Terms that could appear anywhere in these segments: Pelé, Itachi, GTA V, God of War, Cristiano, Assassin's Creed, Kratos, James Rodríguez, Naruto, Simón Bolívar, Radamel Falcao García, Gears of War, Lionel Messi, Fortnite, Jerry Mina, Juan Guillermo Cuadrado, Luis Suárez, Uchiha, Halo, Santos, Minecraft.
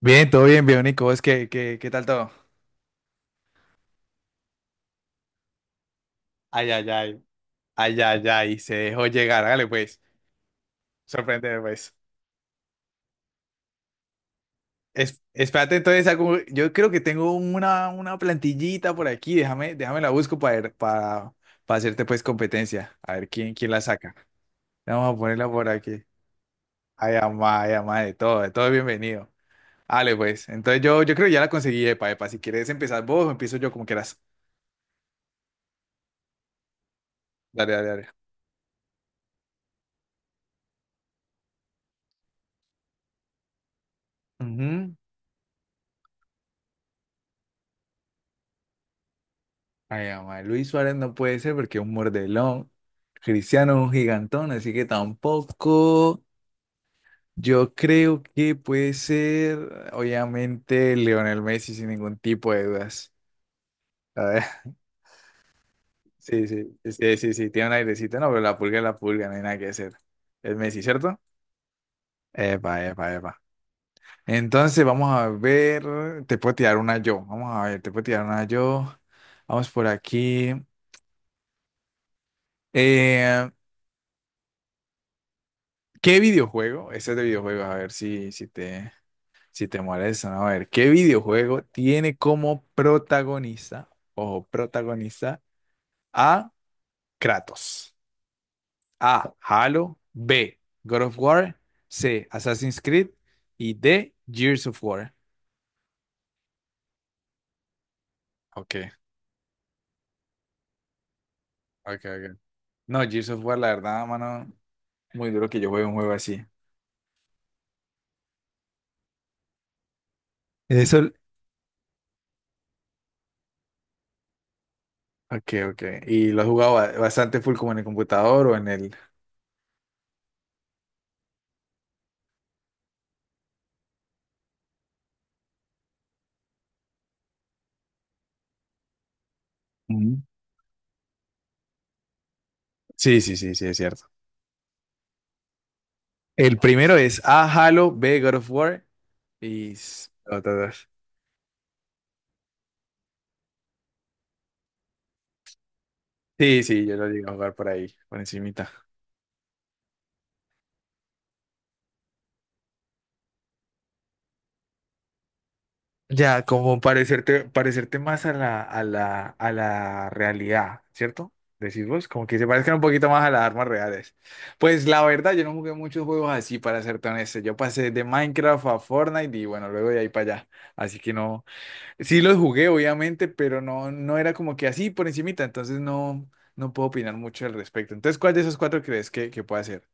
Bien, todo bien, Bionico. Es ¿qué tal todo? Ay, ay, ay, ay, ay, ay, se dejó llegar, hágale pues, sorprendeme pues. Espérate, entonces, yo creo que tengo una plantillita por aquí, déjame la busco para hacerte pues competencia, a ver quién la saca. Vamos a ponerla por aquí. Ay, amá, de todo bienvenido. Dale pues, entonces yo creo que ya la conseguí, epa, epa, si quieres empezar vos, o empiezo yo como quieras. Dale, dale, dale. Ujú. Ay, ama, Luis Suárez no puede ser porque es un mordelón. Cristiano es un gigantón, así que tampoco. Yo creo que puede ser, obviamente, Lionel Messi sin ningún tipo de dudas. A ver, sí, sí, sí, sí, sí, tiene un airecito, no, pero la pulga es la pulga, no hay nada que hacer. Es Messi, ¿cierto? Epa, epa, epa. Entonces, vamos a ver, te puedo tirar una yo. Vamos a ver, te puedo tirar una yo. Vamos por aquí. Eh, ¿Qué videojuego? Este es de videojuegos, a ver si te molesta, ¿no? A ver, ¿qué videojuego tiene como protagonista a Kratos? A, Halo. B, God of War. C, Assassin's Creed. Y D, Gears of War. Ok, ok, ok. No, Gears of War, la verdad, mano, muy duro que yo juegue un juego así. Eso. Ok, ok. ¿Y lo has jugado bastante full como en el computador o en el? Mm. Sí, sí, sí, sí, es cierto. El primero es A, Halo. B, God of War y otros. Sí, sí, yo lo llegué a jugar por ahí, por encimita. Ya, como parecerte más a la realidad, ¿cierto? Decís vos, como que se parezcan un poquito más a las armas reales. Pues la verdad, yo no jugué muchos juegos así, para ser honesto. Yo pasé de Minecraft a Fortnite y bueno, luego de ahí para allá. Así que no. Sí los jugué, obviamente, pero no, no era como que así por encimita, entonces no, no puedo opinar mucho al respecto. Entonces, ¿cuál de esos cuatro crees que puede hacer?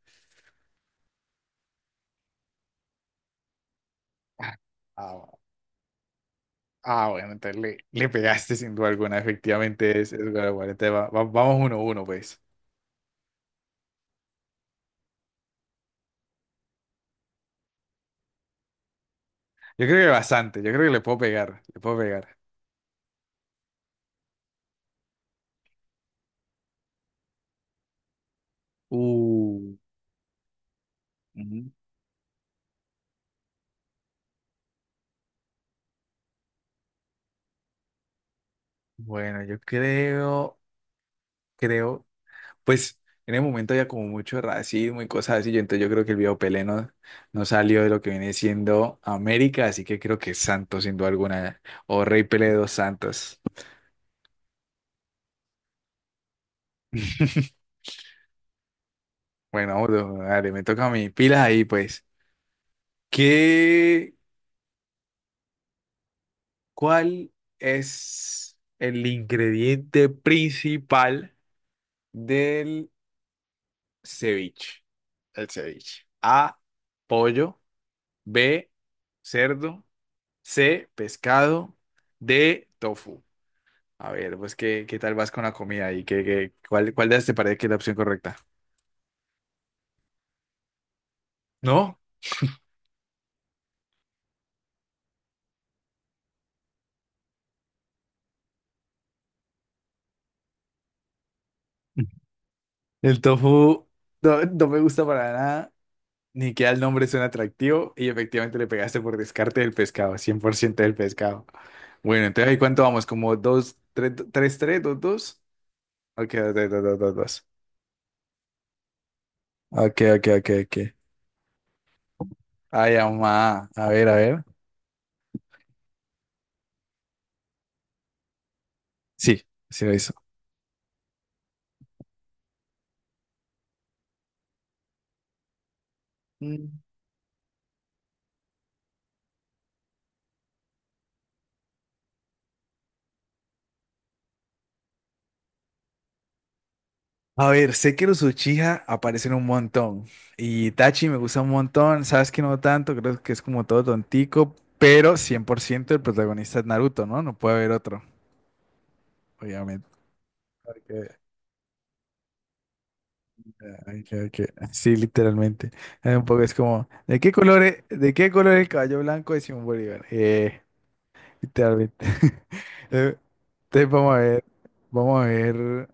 Ah, ah, bu- bueno, entonces le pegaste sin duda alguna, efectivamente es God of War. Entonces, vamos uno a uno, pues. Yo creo que bastante, yo creo que le puedo pegar, le puedo pegar. Uh, ujú. Bueno, yo creo. Pues en el momento había como mucho racismo y cosas así, entonces yo creo que el viejo Pelé no, no salió de lo que viene siendo América, así que creo que es Santos sin duda alguna, o Rey Pelé de los Santos. Bueno, vamos, dale, me toca a mí, pilas ahí pues. ¿Qué, cuál es el ingrediente principal del ceviche? El ceviche. A, pollo. B, cerdo. C, pescado. D, tofu. A ver, pues, ¿qué tal vas con la comida y cuál de las te parece que es la opción correcta? No, el tofu no, no me gusta para nada, ni que el nombre suena atractivo y efectivamente le pegaste por descarte del pescado, 100% del pescado. Bueno, entonces, ¿ahí cuánto vamos? ¿Como 2 tres, 3 tres, 2 dos? Ok, 2, 2, 2, 2. Ok, ok, ok, ok. Ay, mamá. A ver, a ver. Sí, sí lo hizo. A ver, sé que los Uchiha aparecen un montón. Y Itachi me gusta un montón. Sabes que no tanto, creo que es como todo tontico. Pero 100% el protagonista es Naruto, ¿no? No puede haber otro, obviamente. Ok, ok, ok. Sí, literalmente. Un poco es como, ¿de qué color es el caballo blanco de Simón Bolívar? Literalmente. Eh, Entonces vamos a ver, vamos a ver.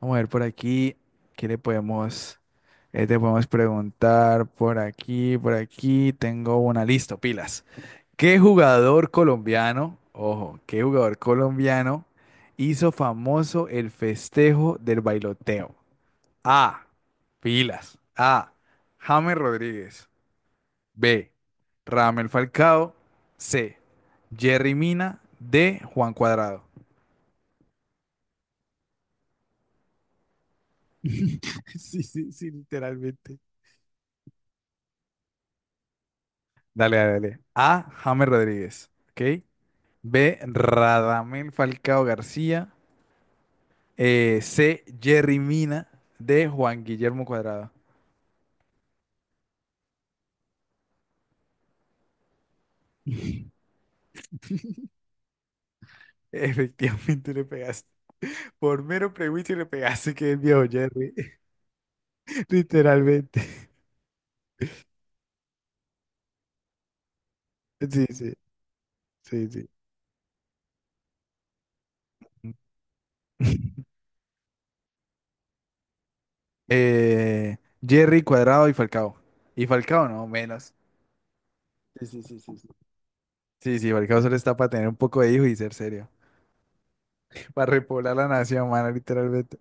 Vamos a ver por aquí qué le podemos, te podemos preguntar por aquí, por aquí. Tengo una lista, pilas. ¿Qué jugador colombiano, ojo, qué jugador colombiano hizo famoso el festejo del bailoteo? A, pilas. A, James Rodríguez. B, Ramel Falcao. C, Jerry Mina. D, Juan Cuadrado. Sí, sí, sí, literalmente. Dale, dale, dale. A, James Rodríguez. ¿Ok? B, Radamel Falcao García. C, Jerry Mina. D, Juan Guillermo Cuadrado. Efectivamente le pegaste. Por mero prejuicio le pegaste que es viejo Jerry. Literalmente. Sí, sí, sí, sí. Eh, Jerry Cuadrado y Falcao. Y Falcao no, menos. Sí, sí, sí, sí. Sí, sí, sí, Falcao solo está para tener un poco de hijo y ser serio. Para repoblar la nación, mano, literalmente.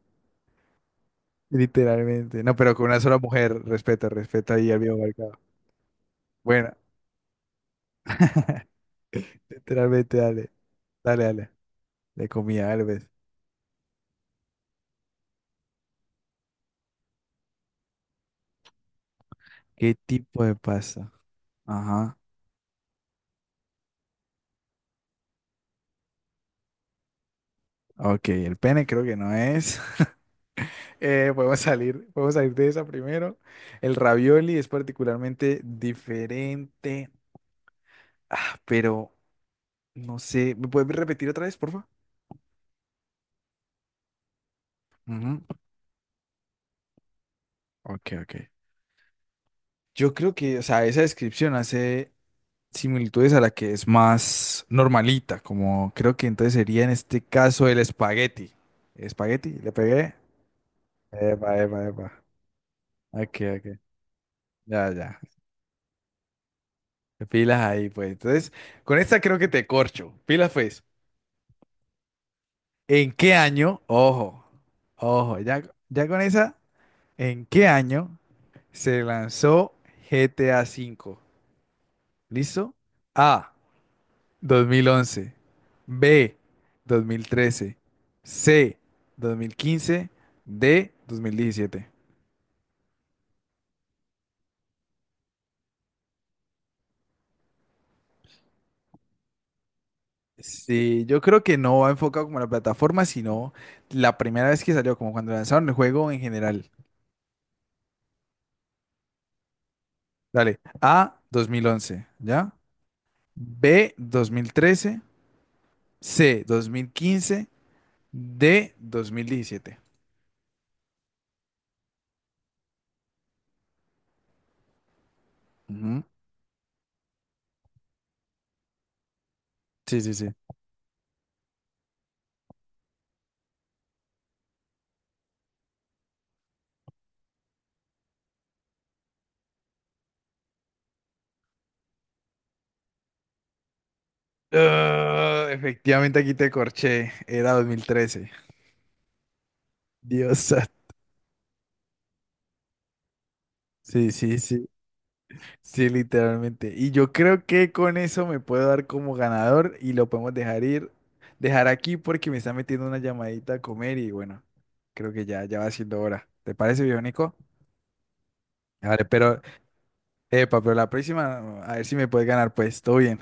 Literalmente. No, pero con una sola mujer. Respeta, respeta ahí al viejo mercado. Bueno, literalmente, dale. Dale, dale. De comida, Alves. ¿Qué tipo de pasta? Ajá. Ok, el pene creo que no es. Podemos salir de esa primero. El ravioli es particularmente diferente. Ah, pero no sé. ¿Me puedes repetir otra vez, por favor? Ujú. Ok, ok. Yo creo que, o sea, esa descripción hace similitudes a la que es más normalita, como creo que entonces sería en este caso el espagueti. ¿Espagueti? ¿Le pegué? Epa, epa, epa. Ok, ok. Ya, ya. Pilas ahí, pues. Entonces, con esta creo que te corcho. Pilas, pues. ¿En qué año? Ojo, ojo, ya, ya con esa, ¿en qué año se lanzó GTA V? ¿Listo? A, 2011. B, 2013. C, 2015. D, 2017. Sí, yo creo que no va enfocado como a la plataforma, sino la primera vez que salió, como cuando lanzaron el juego en general. Dale, A, 2011, ¿ya? B, 2013. C, dos mil quince. D, 2017. Ujú. Sí, sí, sí. Ah, efectivamente aquí te corché, era 2013. Dios santo. Sí, sí, sí. Sí, literalmente. Y yo creo que con eso me puedo dar como ganador y lo podemos dejar ir, dejar aquí porque me está metiendo una llamadita a comer y bueno, creo que ya, ya va siendo hora. ¿Te parece, Bionico? Vale, epa, pero la próxima, a ver si me puedes ganar, pues, todo bien.